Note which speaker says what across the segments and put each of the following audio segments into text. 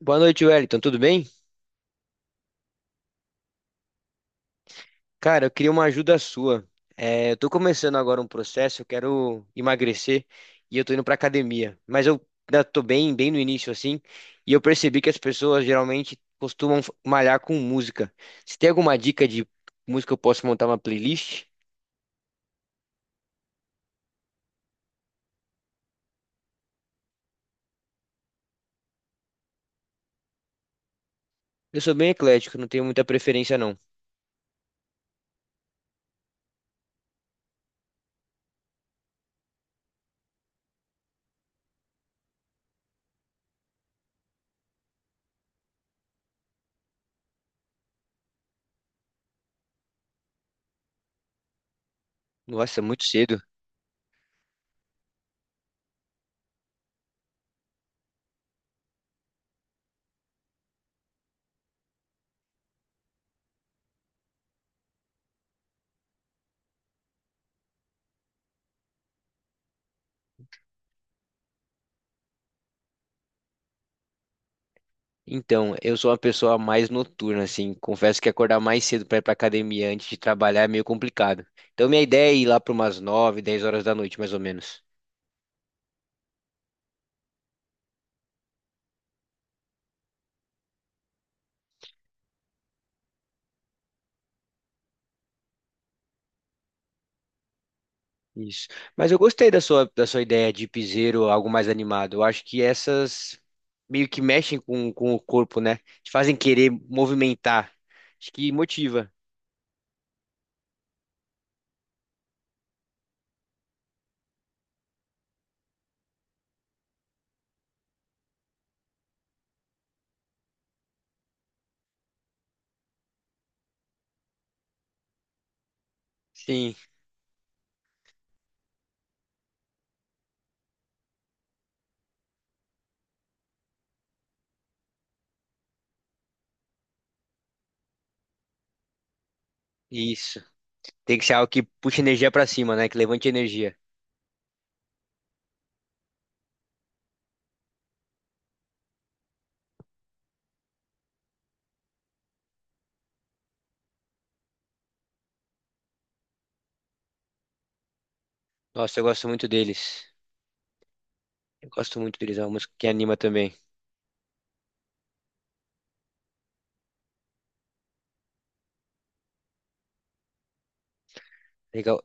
Speaker 1: Boa noite, Wellington. Tudo bem? Cara, eu queria uma ajuda sua. Eu tô começando agora um processo, eu quero emagrecer e eu tô indo pra academia. Mas eu ainda tô bem, bem no início, assim, e eu percebi que as pessoas geralmente costumam malhar com música. Você tem alguma dica de música que eu posso montar uma playlist? Eu sou bem eclético, não tenho muita preferência, não. Nossa, muito cedo. Então, eu sou uma pessoa mais noturna, assim. Confesso que acordar mais cedo para ir para academia antes de trabalhar é meio complicado. Então, minha ideia é ir lá para umas 9, 10 horas da noite, mais ou menos. Isso. Mas eu gostei da sua ideia de piseiro, algo mais animado. Eu acho que essas meio que mexem com o corpo, né? Te fazem querer movimentar. Acho que motiva. Sim, isso. Tem que ser algo que puxe energia para cima, né? Que levante energia. Nossa, eu gosto muito deles. Eu gosto muito deles. É uma música que anima também. Legal.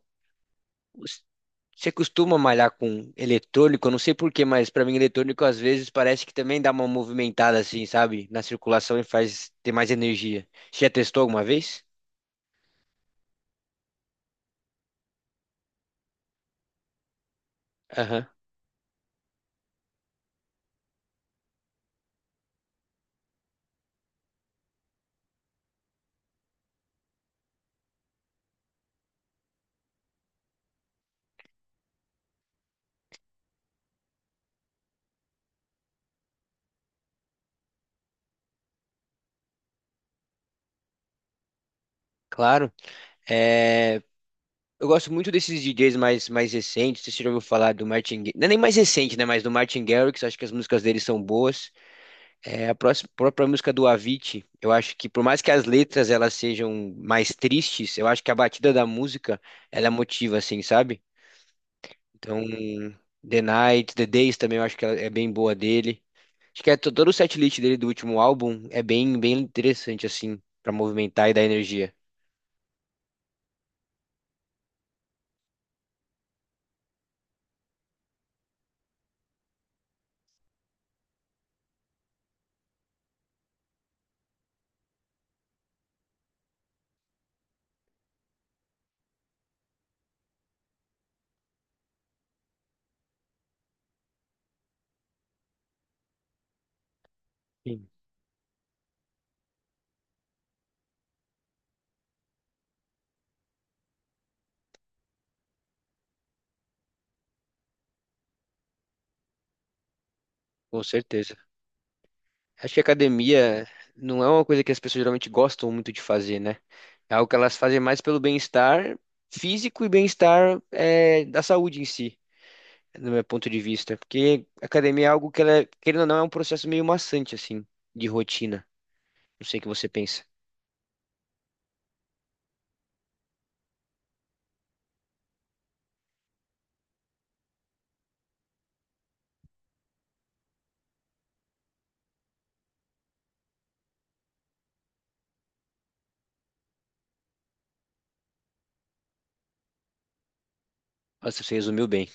Speaker 1: Os- Você costuma malhar com eletrônico? Eu não sei por quê, mas pra mim eletrônico às vezes parece que também dá uma movimentada assim, sabe? Na circulação e faz ter mais energia. Você já testou alguma vez? Aham, claro. É, Eu gosto muito desses DJs mais recentes. Você já ouviu falar do Não é nem mais recente, né? Mas do Martin Garrix. Acho que as músicas dele são boas. É, a próxima, própria música do Avicii. Eu acho que por mais que as letras elas sejam mais tristes, eu acho que a batida da música ela motiva, assim, sabe? Então, The Night, The Days também eu acho que ela é bem boa dele. Acho que é todo o setlist dele do último álbum é bem, bem interessante, assim, pra movimentar e dar energia. Sim. Com certeza. Acho que academia não é uma coisa que as pessoas geralmente gostam muito de fazer, né? É algo que elas fazem mais pelo bem-estar físico e da saúde em si, no meu ponto de vista. Porque academia é algo que, ela, querendo ou não, é um processo meio maçante, assim, de rotina. Não sei o que você pensa. Nossa, você resumiu bem.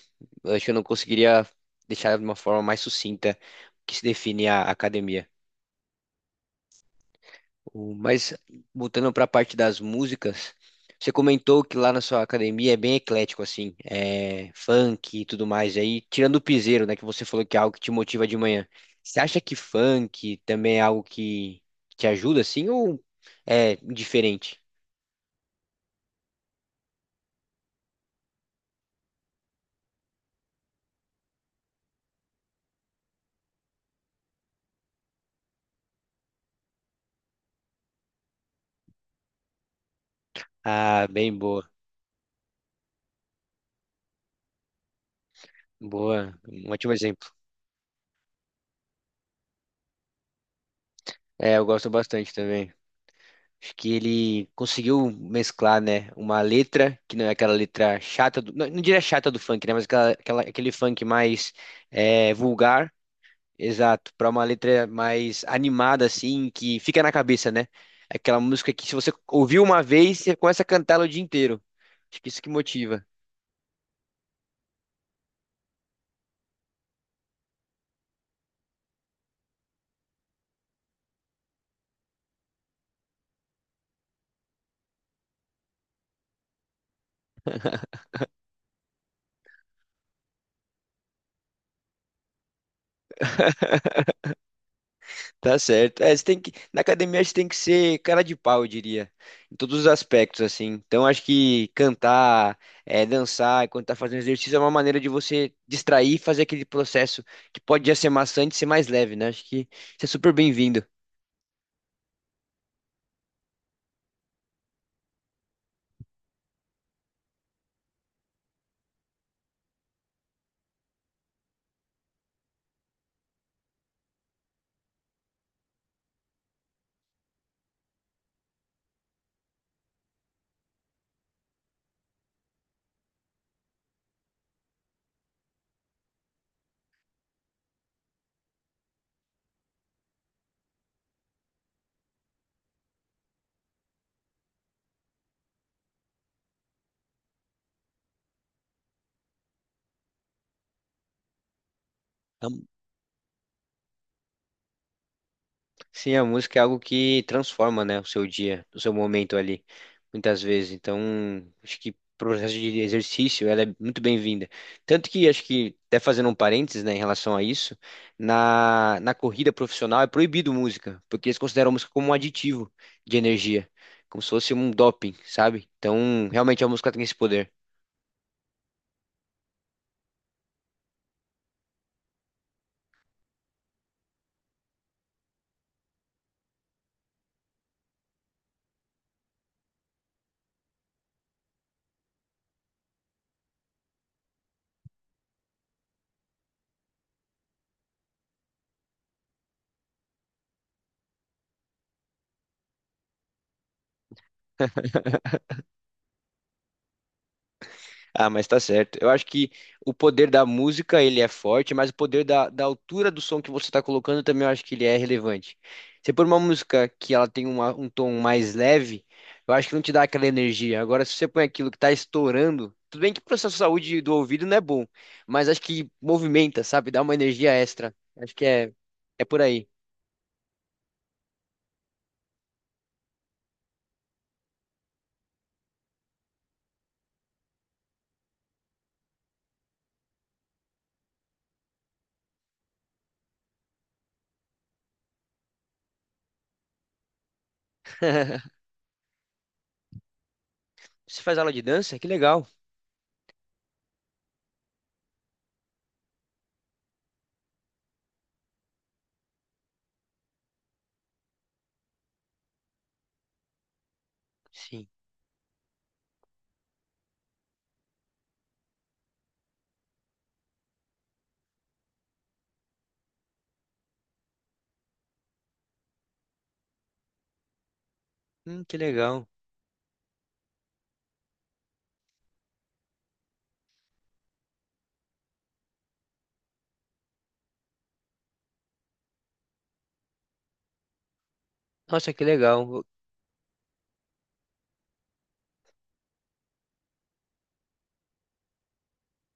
Speaker 1: Eu acho que eu não conseguiria deixar de uma forma mais sucinta o que se define a academia. Mas, voltando para a parte das músicas, você comentou que lá na sua academia é bem eclético, assim, é funk e tudo mais. E aí, tirando o piseiro, né, que você falou que é algo que te motiva de manhã. Você acha que funk também é algo que te ajuda, assim, ou é diferente? Ah, bem boa. Boa, um ótimo exemplo. É, eu gosto bastante também. Acho que ele conseguiu mesclar, né, uma letra, que não é aquela letra chata, do, não, não diria chata do funk, né, mas aquele funk mais vulgar, exato, para uma letra mais animada, assim, que fica na cabeça, né? Aquela música que se você ouviu uma vez, você começa a cantar ela o dia inteiro. Acho que isso que motiva. Tá certo. É, você tem que, na academia você tem que ser cara de pau, eu diria. Em todos os aspectos, assim. Então acho que cantar, dançar enquanto tá fazendo exercício é uma maneira de você distrair e fazer aquele processo que pode já ser maçante ser mais leve, né? Acho que isso é super bem-vindo. Sim, a música é algo que transforma, né, o seu dia, o seu momento ali, muitas vezes. Então, acho que pro processo de exercício, ela é muito bem-vinda. Tanto que, acho que, até fazendo um parênteses, né, em relação a isso, na, na corrida profissional é proibido música, porque eles consideram a música como um aditivo de energia, como se fosse um doping, sabe? Então, realmente a música tem esse poder. Ah, mas tá certo. Eu acho que o poder da música, ele é forte, mas o poder da, da altura do som que você tá colocando também eu acho que ele é relevante. Se pôr uma música que ela tem um tom mais leve, eu acho que não te dá aquela energia. Agora, se você põe aquilo que tá estourando, tudo bem que para sua saúde do ouvido não é bom, mas acho que movimenta, sabe? Dá uma energia extra. Acho que é por aí. Você faz aula de dança? Que legal. Sim. Que legal. Nossa, que legal.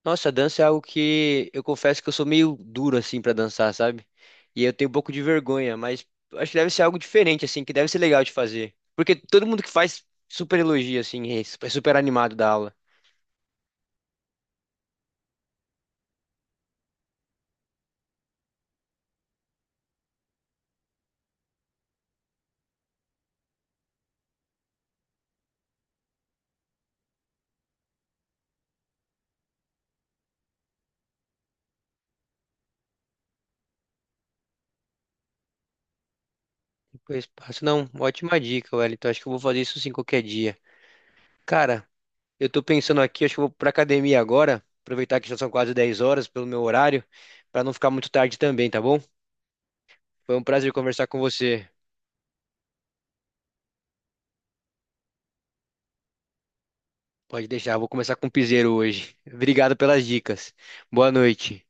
Speaker 1: Nossa, dança é algo que eu confesso que eu sou meio duro assim pra dançar, sabe? E eu tenho um pouco de vergonha, mas acho que deve ser algo diferente assim, que deve ser legal de fazer. Porque todo mundo que faz super elogia assim, é super animado da aula. Depois passo, não, ótima dica, Wellington. Acho que eu vou fazer isso sim qualquer dia. Cara, eu tô pensando aqui, acho que eu vou pra academia agora, aproveitar que já são quase 10 horas pelo meu horário, pra não ficar muito tarde também, tá bom? Foi um prazer conversar com você. Pode deixar, vou começar com o piseiro hoje. Obrigado pelas dicas. Boa noite.